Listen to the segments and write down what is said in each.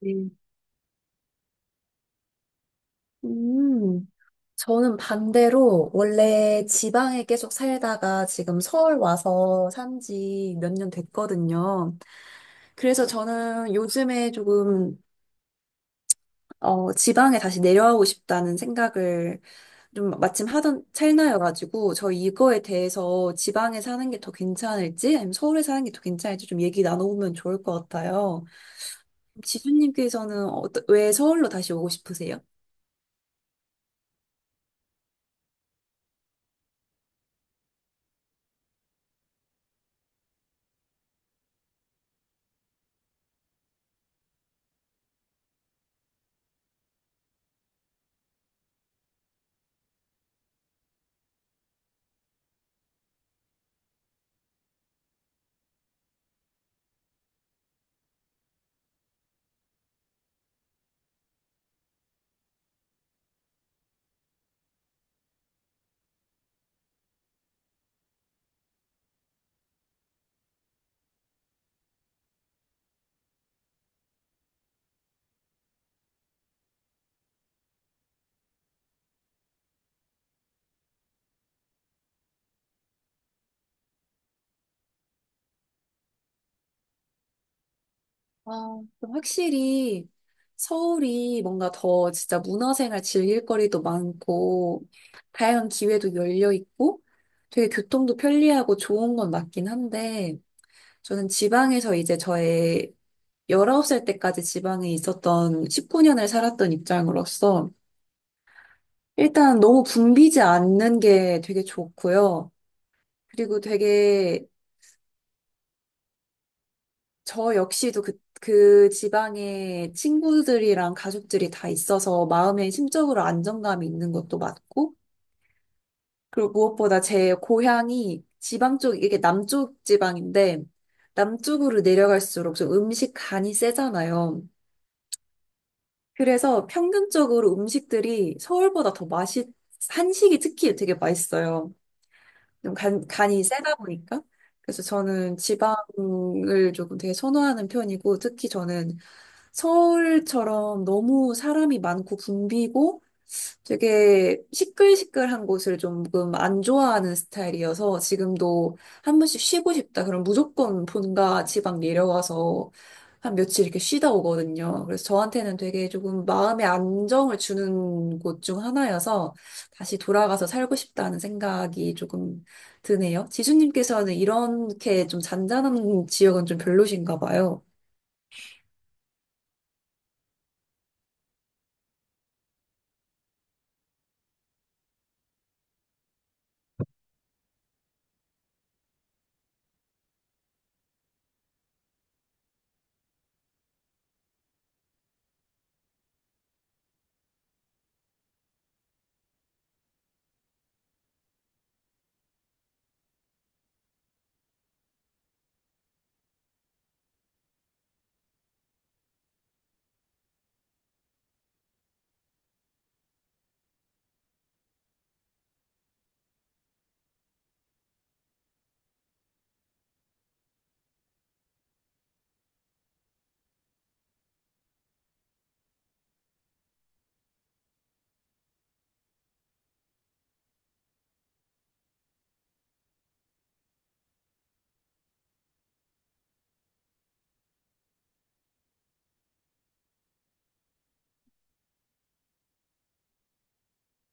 네. 음, 저는 반대로 원래 지방에 계속 살다가 지금 서울 와서 산지 몇 년 됐거든요. 그래서 저는 요즘에 조금 지방에 다시 내려가고 싶다는 생각을 좀 마침 하던 찰나여가지고, 저 이거에 대해서 지방에 사는 게 더 괜찮을지 아니면 서울에 사는 게 더 괜찮을지 좀 얘기 나눠보면 좋을 것 같아요. 지수님께서는 왜 서울로 다시 오고 싶으세요? 아, 그럼 확실히 서울이 뭔가 더 진짜 문화생활 즐길 거리도 많고, 다양한 기회도 열려 있고, 되게 교통도 편리하고 좋은 건 맞긴 한데, 저는 지방에서 이제 저의 19살 때까지 지방에 있었던 19년을 살았던 입장으로서, 일단 너무 붐비지 않는 게 되게 좋고요. 그리고 되게 저 역시도 그 지방에 친구들이랑 가족들이 다 있어서 마음에, 심적으로 안정감이 있는 것도 맞고, 그리고 무엇보다 제 고향이 지방 쪽, 이게 남쪽 지방인데, 남쪽으로 내려갈수록 좀 음식 간이 세잖아요. 그래서 평균적으로 음식들이 서울보다 더 한식이 특히 되게 맛있어요. 좀 간이 세다 보니까. 그래서 저는 지방을 조금 되게 선호하는 편이고, 특히 저는 서울처럼 너무 사람이 많고 붐비고, 되게 시끌시끌한 곳을 조금 안 좋아하는 스타일이어서, 지금도 한 번씩 쉬고 싶다, 그럼 무조건 본가 지방 내려와서 한 며칠 이렇게 쉬다 오거든요. 그래서 저한테는 되게 조금 마음의 안정을 주는 곳 중 하나여서 다시 돌아가서 살고 싶다는 생각이 조금 드네요. 지수님께서는 이렇게 좀 잔잔한 지역은 좀 별로신가 봐요.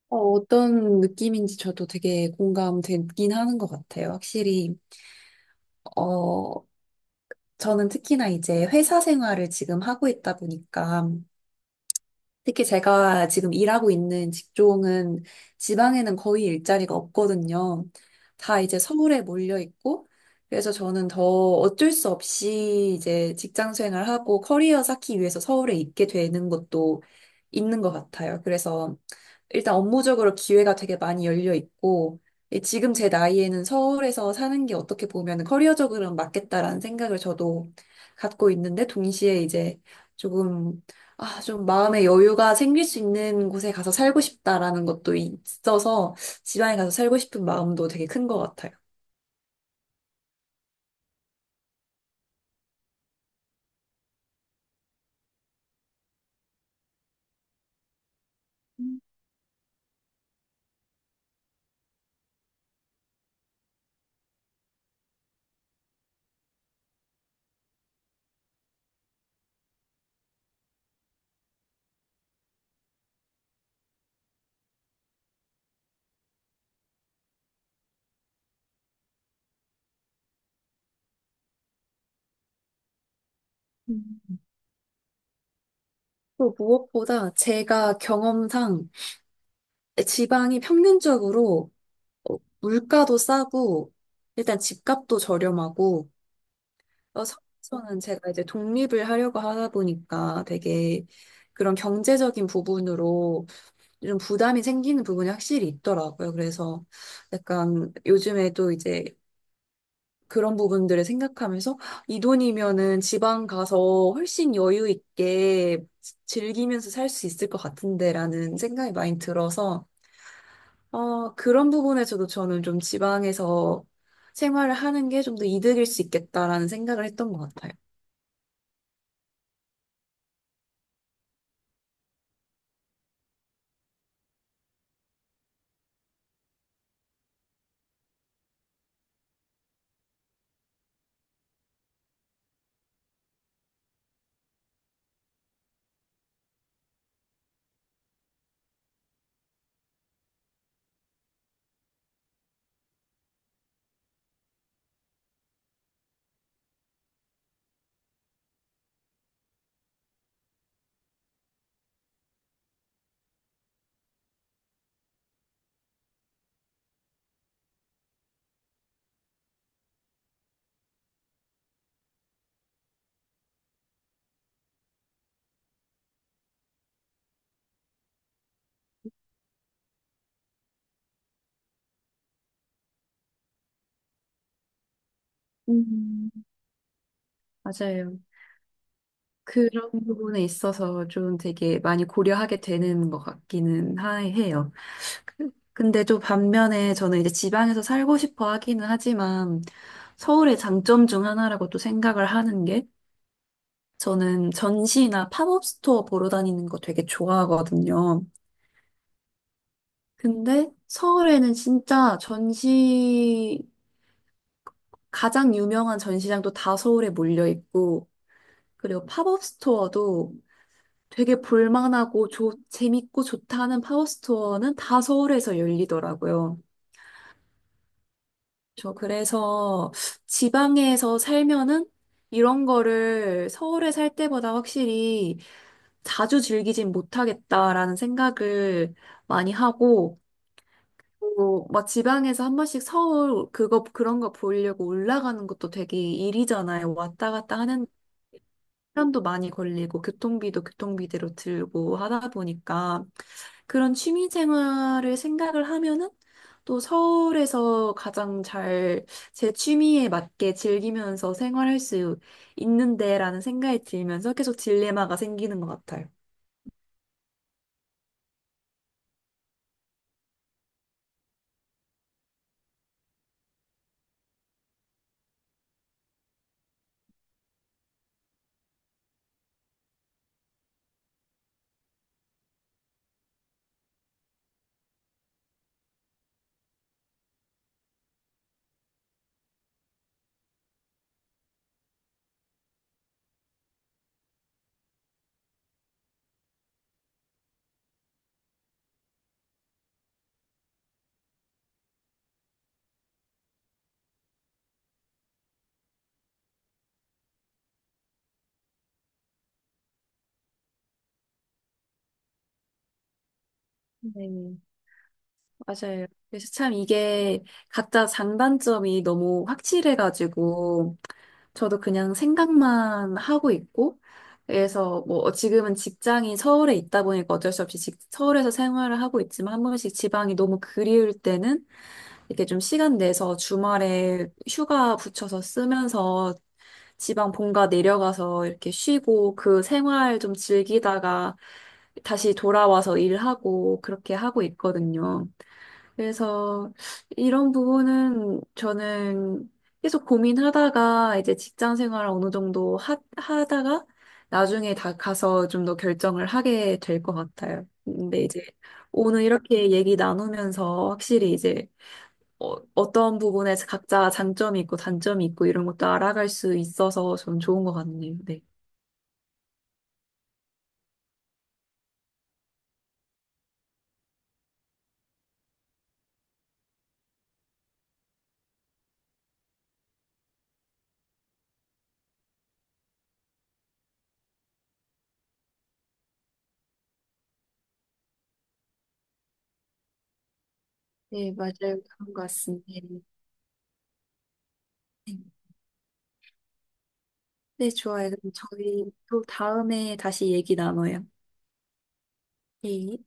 어떤 느낌인지 저도 되게 공감되긴 하는 것 같아요. 확실히, 어, 저는 특히나 이제 회사 생활을 지금 하고 있다 보니까, 특히 제가 지금 일하고 있는 직종은 지방에는 거의 일자리가 없거든요. 다 이제 서울에 몰려 있고, 그래서 저는 더 어쩔 수 없이 이제 직장 생활하고 커리어 쌓기 위해서 서울에 있게 되는 것도 있는 것 같아요. 그래서 일단 업무적으로 기회가 되게 많이 열려 있고, 예, 지금 제 나이에는 서울에서 사는 게 어떻게 보면 커리어적으로는 맞겠다라는 생각을 저도 갖고 있는데, 동시에 이제 조금, 좀 마음의 여유가 생길 수 있는 곳에 가서 살고 싶다라는 것도 있어서 지방에 가서 살고 싶은 마음도 되게 큰 것 같아요. 음. 또 무엇보다 제가 경험상 지방이 평균적으로 물가도 싸고 일단 집값도 저렴하고, 서울에서는 제가 이제 독립을 하려고 하다 보니까 되게 그런 경제적인 부분으로 좀 부담이 생기는 부분이 확실히 있더라고요. 그래서 약간 요즘에도 이제 그런 부분들을 생각하면서, 이 돈이면은 지방 가서 훨씬 여유 있게 즐기면서 살 수 있을 것 같은데라는 생각이 많이 들어서, 그런 부분에서도 저는 좀 지방에서 생활을 하는 게 좀 더 이득일 수 있겠다라는 생각을 했던 것 같아요. 음, 맞아요. 그런 부분에 있어서 좀 되게 많이 고려하게 되는 것 같기는 해요. 근데 또 반면에 저는 이제 지방에서 살고 싶어 하기는 하지만, 서울의 장점 중 하나라고 또 생각을 하는 게, 저는 전시나 팝업 스토어 보러 다니는 거 되게 좋아하거든요. 근데 서울에는 진짜 전시, 가장 유명한 전시장도 다 서울에 몰려 있고, 그리고 팝업 스토어도 되게 볼만하고 재밌고 좋다는 파워스토어는 다 서울에서 열리더라고요. 저 그래서 지방에서 살면은 이런 거를 서울에 살 때보다 확실히 자주 즐기진 못하겠다라는 생각을 많이 하고, 또 막 지방에서 한 번씩 서울 그거 그런 거 보려고 올라가는 것도 되게 일이잖아요. 왔다 갔다 하는 시간도 많이 걸리고 교통비도 교통비대로 들고 하다 보니까 그런 취미 생활을 생각을 하면은, 또 서울에서 가장 잘 제 취미에 맞게 즐기면서 생활할 수 있는데라는 생각이 들면서 계속 딜레마가 생기는 것 같아요. 네. 맞아요. 그래서 참 이게 각자 장단점이 너무 확실해가지고 저도 그냥 생각만 하고 있고, 그래서 뭐 지금은 직장이 서울에 있다 보니까 어쩔 수 없이 서울에서 생활을 하고 있지만, 한 번씩 지방이 너무 그리울 때는 이렇게 좀 시간 내서 주말에 휴가 붙여서 쓰면서 지방 본가 내려가서 이렇게 쉬고 그 생활 좀 즐기다가 다시 돌아와서 일하고 그렇게 하고 있거든요. 그래서 이런 부분은 저는 계속 고민하다가 이제 직장 생활을 어느 정도 하다가 나중에 다 가서 좀 더 결정을 하게 될 것 같아요. 근데 이제 오늘 이렇게 얘기 나누면서 확실히 이제 어떤 부분에서 각자 장점이 있고 단점이 있고 이런 것도 알아갈 수 있어서 좀 좋은 것 같네요. 네. 네, 맞아요. 그런 것 같습니다. 네, 좋아요. 그럼 저희 또 다음에 다시 얘기 나눠요. 네.